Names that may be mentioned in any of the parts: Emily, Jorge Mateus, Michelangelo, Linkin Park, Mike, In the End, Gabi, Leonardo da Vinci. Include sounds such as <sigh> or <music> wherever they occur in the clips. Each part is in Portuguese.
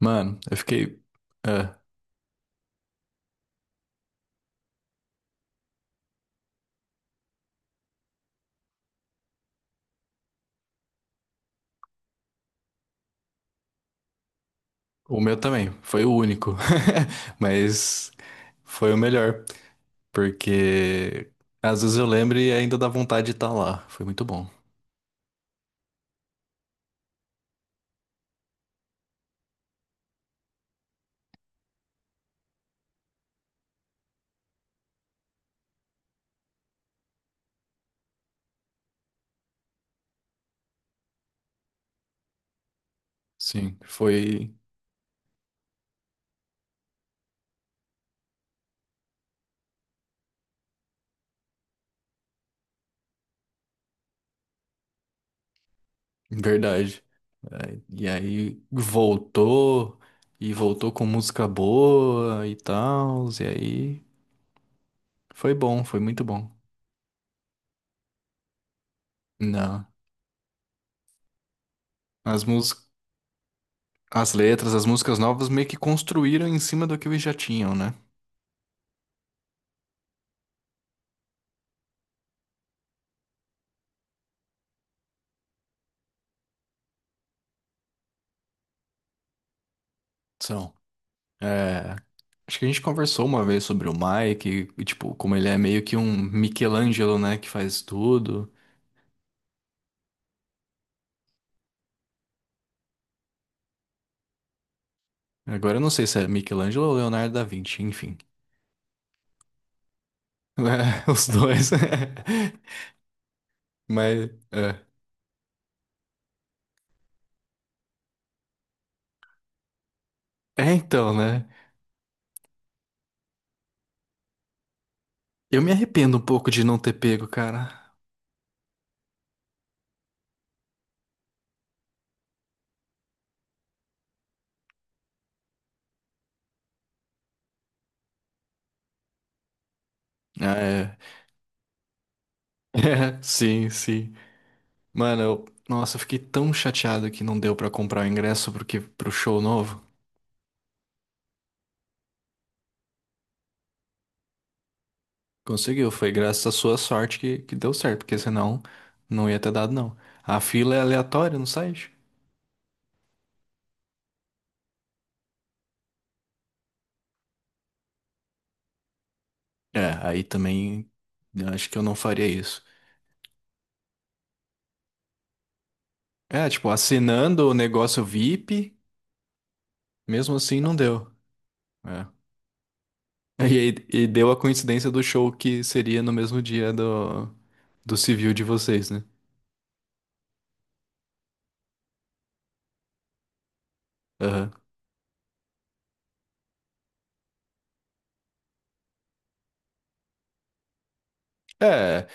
Mano, eu fiquei. é, o meu também, foi o único. <laughs> Mas foi o melhor. Porque às vezes eu lembro e ainda dá vontade de estar lá. Foi muito bom. Sim, foi verdade. É, e aí voltou, e voltou com música boa e tal. E aí foi bom, foi muito bom. Não. As músicas, as letras, as músicas novas meio que construíram em cima do que eles já tinham, né? São. É, acho que a gente conversou uma vez sobre o Mike, e, tipo, como ele é meio que um Michelangelo, né, que faz tudo. Agora eu não sei se é Michelangelo ou Leonardo da Vinci, enfim. <laughs> Os dois. <laughs> Mas, é. É, então, né? Eu me arrependo um pouco de não ter pego, cara. Ah, é, <laughs> é, sim, sim. Mano, eu, nossa, eu fiquei tão chateado que não deu pra comprar o ingresso pro show novo. Conseguiu, foi graças à sua sorte que, deu certo, porque senão não ia ter dado, não. A fila é aleatória no site. É, aí também eu acho que eu não faria isso. É, tipo, assinando o negócio VIP, mesmo assim não deu. É. <laughs> E deu a coincidência do show que seria no mesmo dia do, do civil de vocês, né? Aham. É,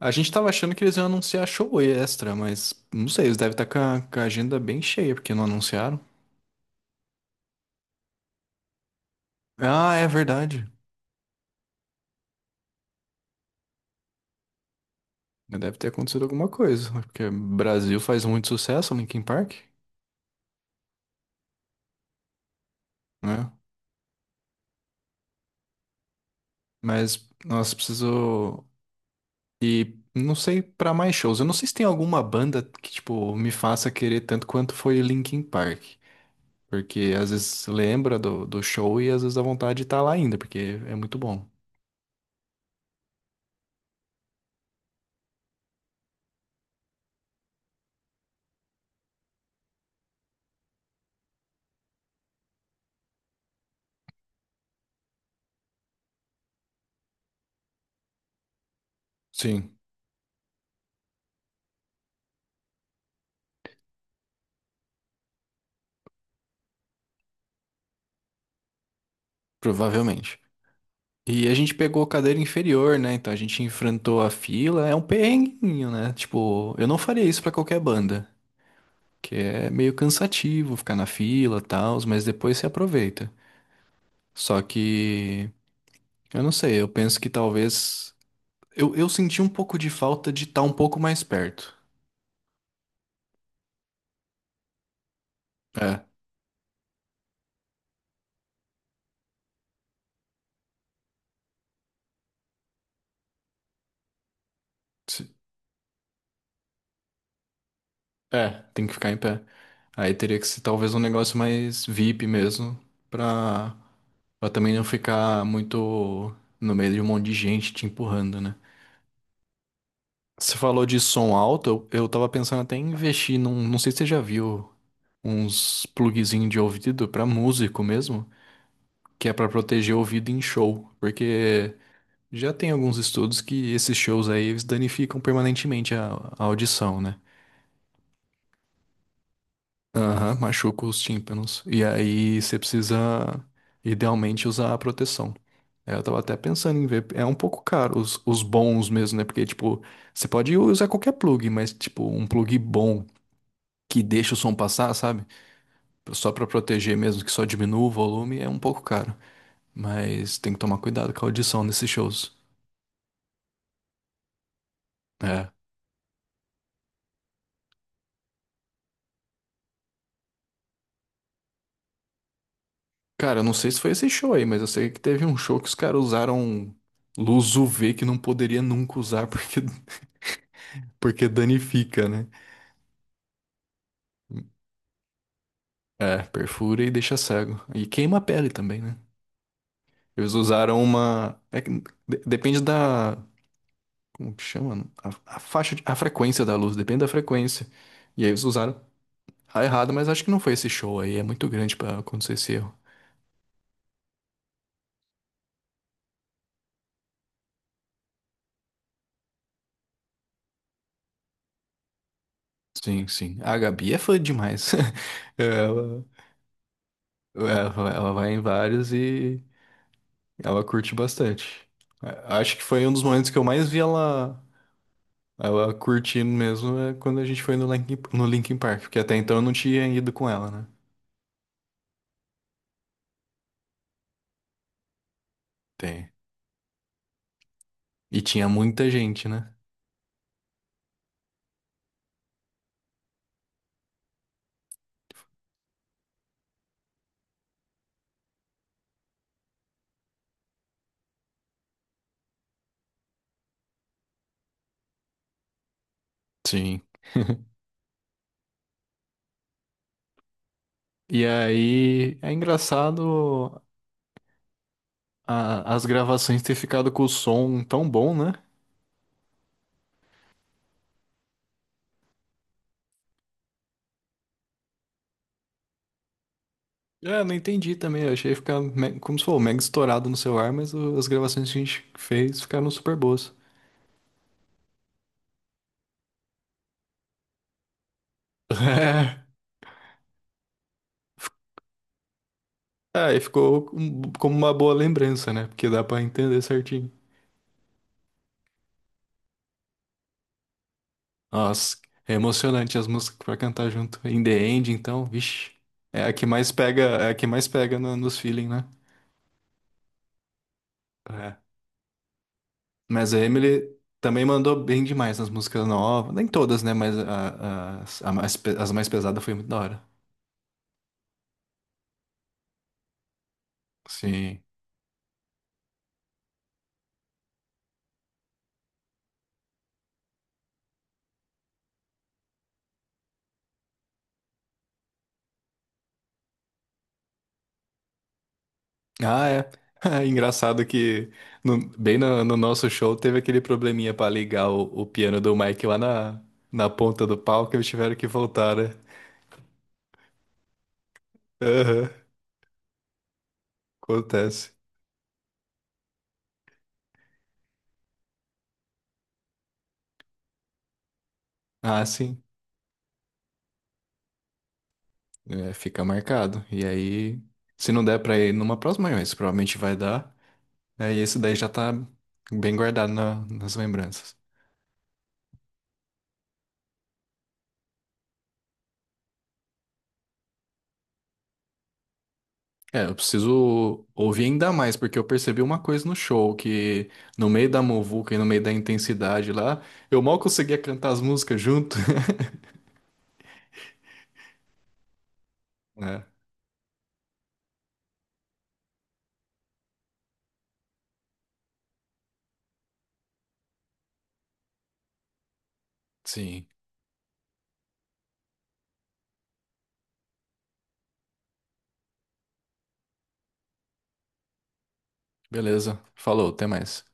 a gente tava achando que eles iam anunciar show extra, mas não sei, eles devem estar com a agenda bem cheia, porque não anunciaram. Ah, é verdade. Deve ter acontecido alguma coisa, né? Porque Brasil faz muito sucesso, Linkin Park, né? Mas nós preciso e não sei pra mais shows. Eu não sei se tem alguma banda que tipo me faça querer tanto quanto foi Linkin Park, porque às vezes lembra do, do show e às vezes dá vontade de estar lá ainda, porque é muito bom. Sim, provavelmente. E a gente pegou cadeira inferior, né? Então a gente enfrentou a fila. É um perrenguinho, né? Tipo, eu não faria isso pra qualquer banda. Que é meio cansativo ficar na fila, tal, mas depois se aproveita. Só que eu não sei, eu penso que talvez eu senti um pouco de falta de estar um pouco mais perto. É, se- é, tem que ficar em pé. Aí teria que ser talvez um negócio mais VIP mesmo, pra, pra também não ficar muito no meio de um monte de gente te empurrando, né? Você falou de som alto, eu tava pensando até em investir num, não sei se você já viu uns plugzinhos de ouvido pra músico mesmo, que é pra proteger o ouvido em show, porque já tem alguns estudos que esses shows aí eles danificam permanentemente a audição, né? Aham, machuca os tímpanos. E aí você precisa idealmente usar a proteção. Aí eu tava até pensando em ver, é um pouco caro os bons mesmo, né? Porque tipo, você pode usar qualquer plug, mas tipo, um plug bom que deixa o som passar, sabe? Só pra proteger mesmo, que só diminua o volume, é um pouco caro. Mas tem que tomar cuidado com a audição nesses shows. É. Cara, eu não sei se foi esse show aí, mas eu sei que teve um show que os caras usaram luz UV que não poderia nunca usar porque, <laughs> porque danifica, né? É, perfura e deixa cego. E queima a pele também, né? Eles usaram uma. É que depende da. Como que chama? A faixa, a frequência da luz, depende da frequência. E aí eles usaram. Tá errado, mas acho que não foi esse show aí. É muito grande pra acontecer esse erro. Sim, sim. A Gabi é fã demais. <laughs> Ela vai em vários e ela curte bastante. Acho que foi um dos momentos que eu mais vi ela, ela curtindo mesmo é quando a gente foi no no Linkin Park, porque até então eu não tinha ido com ela, né? Tem. E tinha muita gente, né? Sim. E aí é engraçado as gravações ter ficado com o som tão bom, né? É, eu não entendi também. Eu achei ficar como se for mega estourado no celular, mas as gravações que a gente fez ficaram super boas. <laughs> É, é, e ficou como uma boa lembrança, né? Porque dá pra entender certinho. Nossa, é emocionante as músicas pra cantar junto. In the End, então, vixe. É a que mais pega, é a que mais pega nos feeling, né? É. Mas a Emily também mandou bem demais nas músicas novas. Nem todas, né? Mas a- as as mais pesadas foi muito da hora. Sim. Ah, é. <laughs> Engraçado que bem no, no nosso show teve aquele probleminha pra ligar o piano do Mike lá na, na ponta do palco e eles tiveram que voltar, né? Aham, acontece. Ah, sim. É, fica marcado. E aí, se não der pra ir numa próxima, mas provavelmente vai dar. Aí esse daí já tá bem guardado nas lembranças. É, eu preciso ouvir ainda mais, porque eu percebi uma coisa no show, que no meio da muvuca e no meio da intensidade lá, eu mal conseguia cantar as músicas junto. <laughs> É, sim. Beleza. Falou, até mais.